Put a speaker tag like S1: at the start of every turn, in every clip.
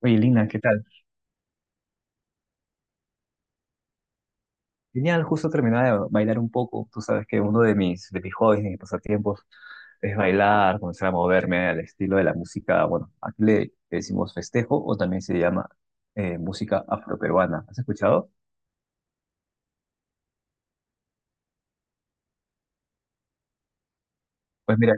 S1: Oye, Lina, ¿qué tal? Genial, justo terminaba de bailar un poco. Tú sabes que uno de mis hobbies, de mis pasatiempos, es bailar, comenzar a moverme al estilo de la música. Bueno, aquí le decimos festejo o también se llama música afroperuana. ¿Has escuchado? Pues mira,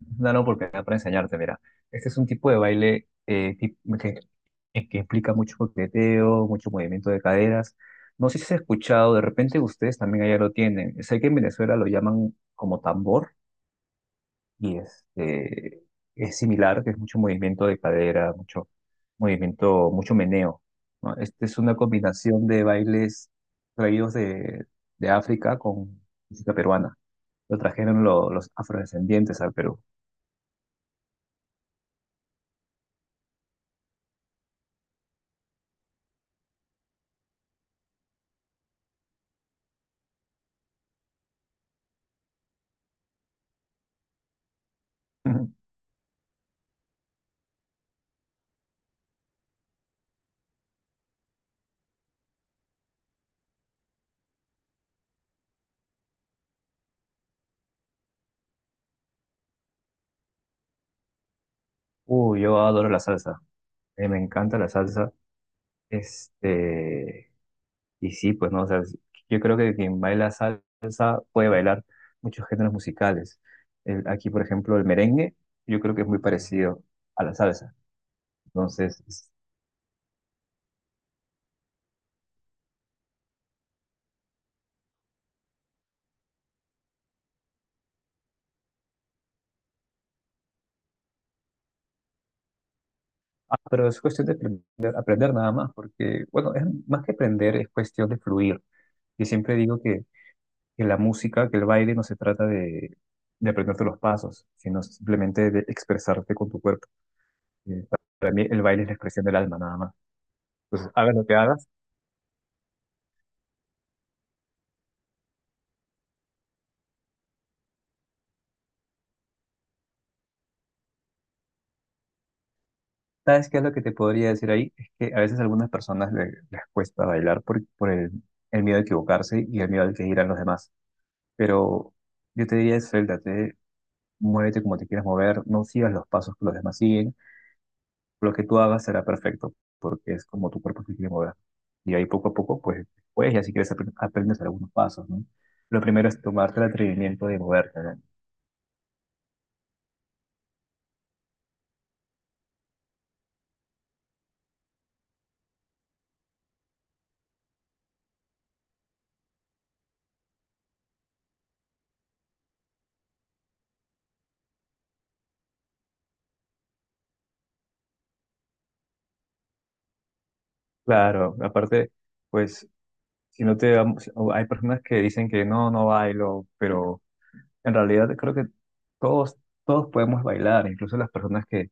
S1: es una gran oportunidad para enseñarte. Mira, este es un tipo de baile que implica mucho coqueteo, mucho movimiento de caderas. No sé si has escuchado, de repente ustedes también allá lo tienen. Sé que en Venezuela lo llaman como tambor. Y este, es similar, que es mucho movimiento de cadera, mucho movimiento, mucho meneo, ¿no? Este es una combinación de bailes traídos de África con música peruana. Lo trajeron los afrodescendientes al Perú. Uy, yo adoro la salsa. Me encanta la salsa. Este, Y sí, pues no, o sea, sí, yo creo que quien baila salsa puede bailar muchos géneros musicales. Aquí, por ejemplo, el merengue, yo creo que es muy parecido a la salsa. Entonces, ah, pero es cuestión de aprender, aprender nada más, porque, bueno, es más que aprender, es cuestión de fluir. Yo siempre digo que la música, que el baile no se trata de aprenderte los pasos, sino simplemente de expresarte con tu cuerpo. Eh, Para mí, el baile es la expresión del alma, nada más. Entonces, hagas lo que hagas. ¿Sabes qué es lo que te podría decir ahí? Es que a veces a algunas personas les cuesta bailar por el miedo a equivocarse y el miedo al que dirán los demás. Pero yo te diría, suéltate, muévete como te quieras mover, no sigas los pasos que los demás siguen. Lo que tú hagas será perfecto, porque es como tu cuerpo se quiere mover. Y ahí poco a poco, pues después ya si quieres aprendes algunos pasos, ¿no? Lo primero es tomarte el atrevimiento de moverte, ¿no? Claro, aparte, pues si no te... vamos- hay personas que dicen que no, no bailo, pero en realidad creo que todos, todos podemos bailar, incluso las personas que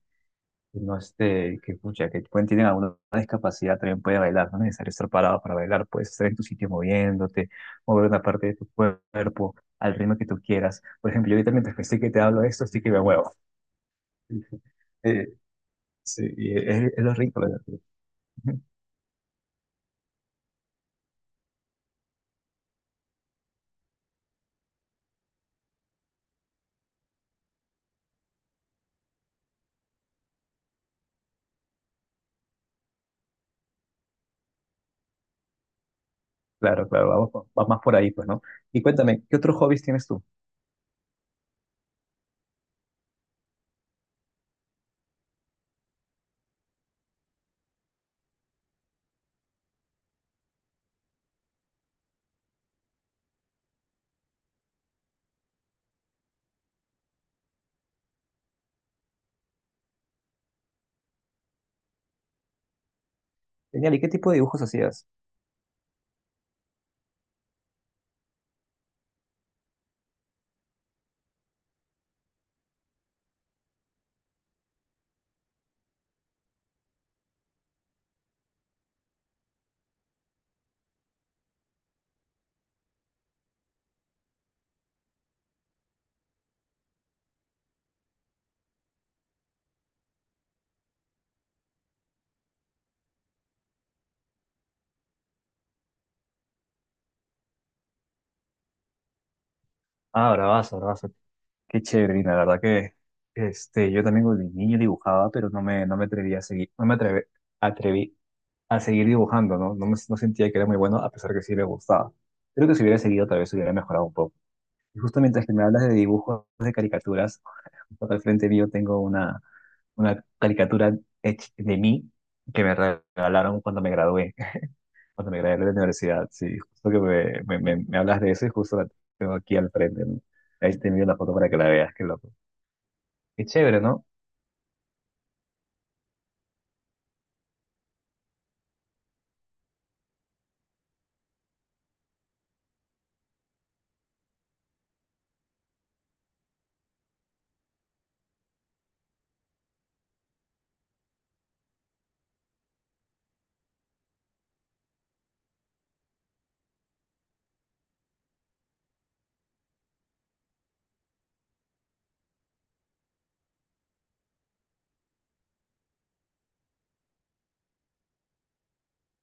S1: no este, que escucha, que pueden, tienen alguna discapacidad también pueden bailar, no es necesario estar parado para bailar, puedes estar en tu sitio moviéndote, mover una parte de tu cuerpo al ritmo que tú quieras. Por ejemplo, yo ahorita mientras que estoy que te hablo de esto, sí que me muevo. Eh, sí, y es lo rico. ¿Verdad? Claro, claro, vamos, va más por ahí, pues, ¿no? Y cuéntame, ¿qué otros hobbies tienes tú? Genial, ¿y qué tipo de dibujos hacías? Ah, bravazo, bravazo. Qué chévere, y la verdad que yo también de niño dibujaba, pero no me atreví a seguir, no me atreve- atreví a seguir dibujando, ¿no? No sentía que era muy bueno, a pesar que sí me gustaba. Creo que si hubiera seguido, tal vez hubiera mejorado un poco. Y justo mientras que me hablas de dibujos de caricaturas, justo al frente mío tengo una caricatura hecha de mí que me regalaron cuando me gradué, cuando me gradué de la universidad. Sí, justo que me hablas de eso y justo la tengo aquí al frente, ¿no? Ahí te envío la foto para que la veas, que lo... Qué chévere, ¿no?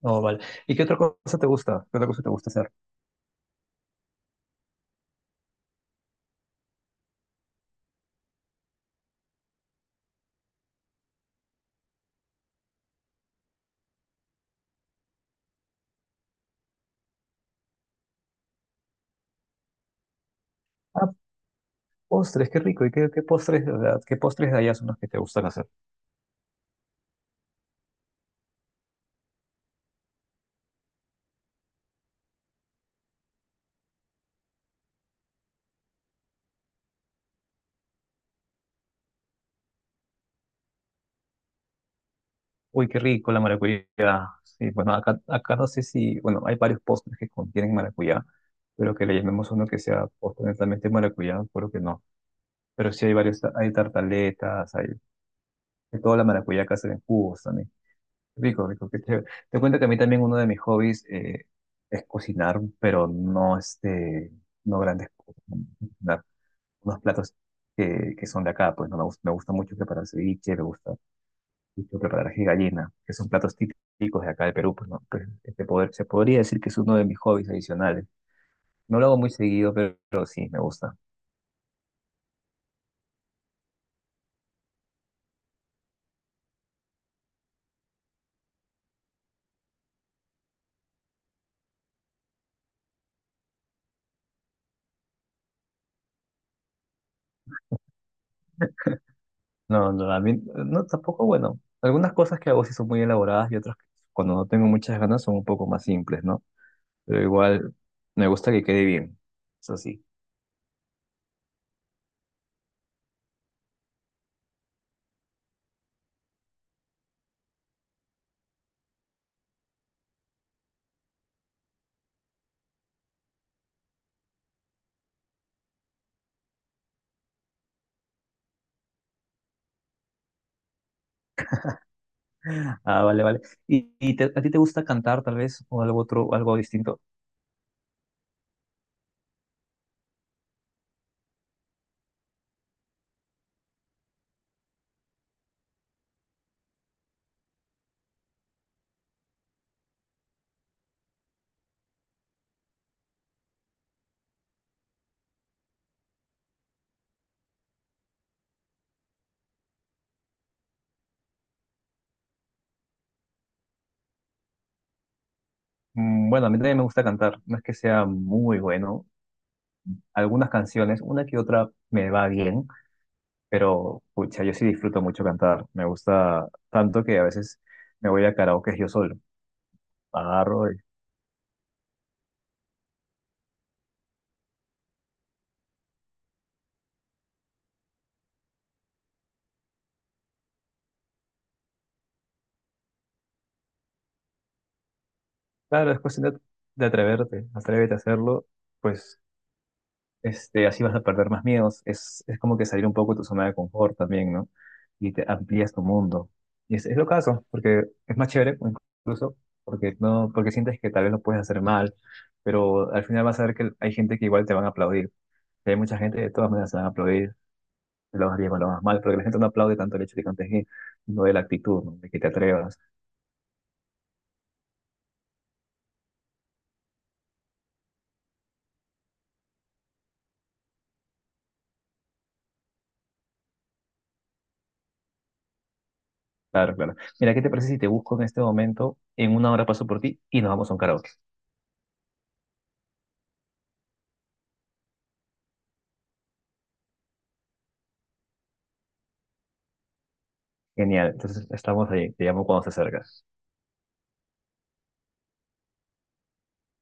S1: No, vale. ¿Y qué otra cosa te gusta? ¿Qué otra cosa te gusta hacer? Ah, postres, qué rico. ¿Y qué postres, o sea, qué postres de allá son los que te gustan hacer? Uy, qué rico la maracuyá. Sí, bueno, acá no sé si, bueno, hay varios postres que contienen maracuyá, pero que le llamemos uno que sea postre netamente maracuyá, creo que no. Pero sí hay varios, hay tartaletas, hay de toda la maracuyá que hacen en jugos también. Rico, rico, qué chévere. Te cuento que a mí también uno de mis hobbies es cocinar, pero no este, no grandes cosas, ¿no? Cocinar unos platos que son de acá, pues no me gusta, me gusta mucho preparar ceviche, me gusta mucho preparar ají de gallina, que son platos típicos de acá de Perú, pues no, pues, este poder, se podría decir que es uno de mis hobbies adicionales. No lo hago muy seguido, pero sí, me gusta. No, no, a mí, no, tampoco, bueno, algunas cosas que hago sí son muy elaboradas y otras que cuando no tengo muchas ganas son un poco más simples, ¿no? Pero igual me gusta que quede bien. Eso sí. Ah, vale, vale. ¿Y, a ti te gusta cantar tal vez o algo otro, algo distinto? Bueno, a mí también me gusta cantar, no es que sea muy bueno. Algunas canciones, una que otra me va bien, pero pucha, yo sí disfruto mucho cantar. Me gusta tanto que a veces me voy a karaoke yo solo. Agarro y... Claro, es cuestión de atreverte, atrévete a hacerlo, pues así vas a perder más miedos. Es como que salir un poco de tu zona de confort también, ¿no? Y te amplías tu mundo. Y es lo caso, porque es más chévere incluso, porque, no, porque sientes que tal vez lo puedes hacer mal, pero al final vas a ver que hay gente que igual te van a aplaudir. Y hay mucha gente que de todas maneras te van a aplaudir, lo vas bien o lo vas mal, porque la gente no aplaude tanto el hecho de que cantes bien, no de la actitud, ¿no? De que te atrevas. Claro, claro. Mira, ¿qué te parece si te busco en este momento? En una hora paso por ti y nos vamos a un karaoke. Genial. Entonces estamos ahí. Te llamo cuando se acerca.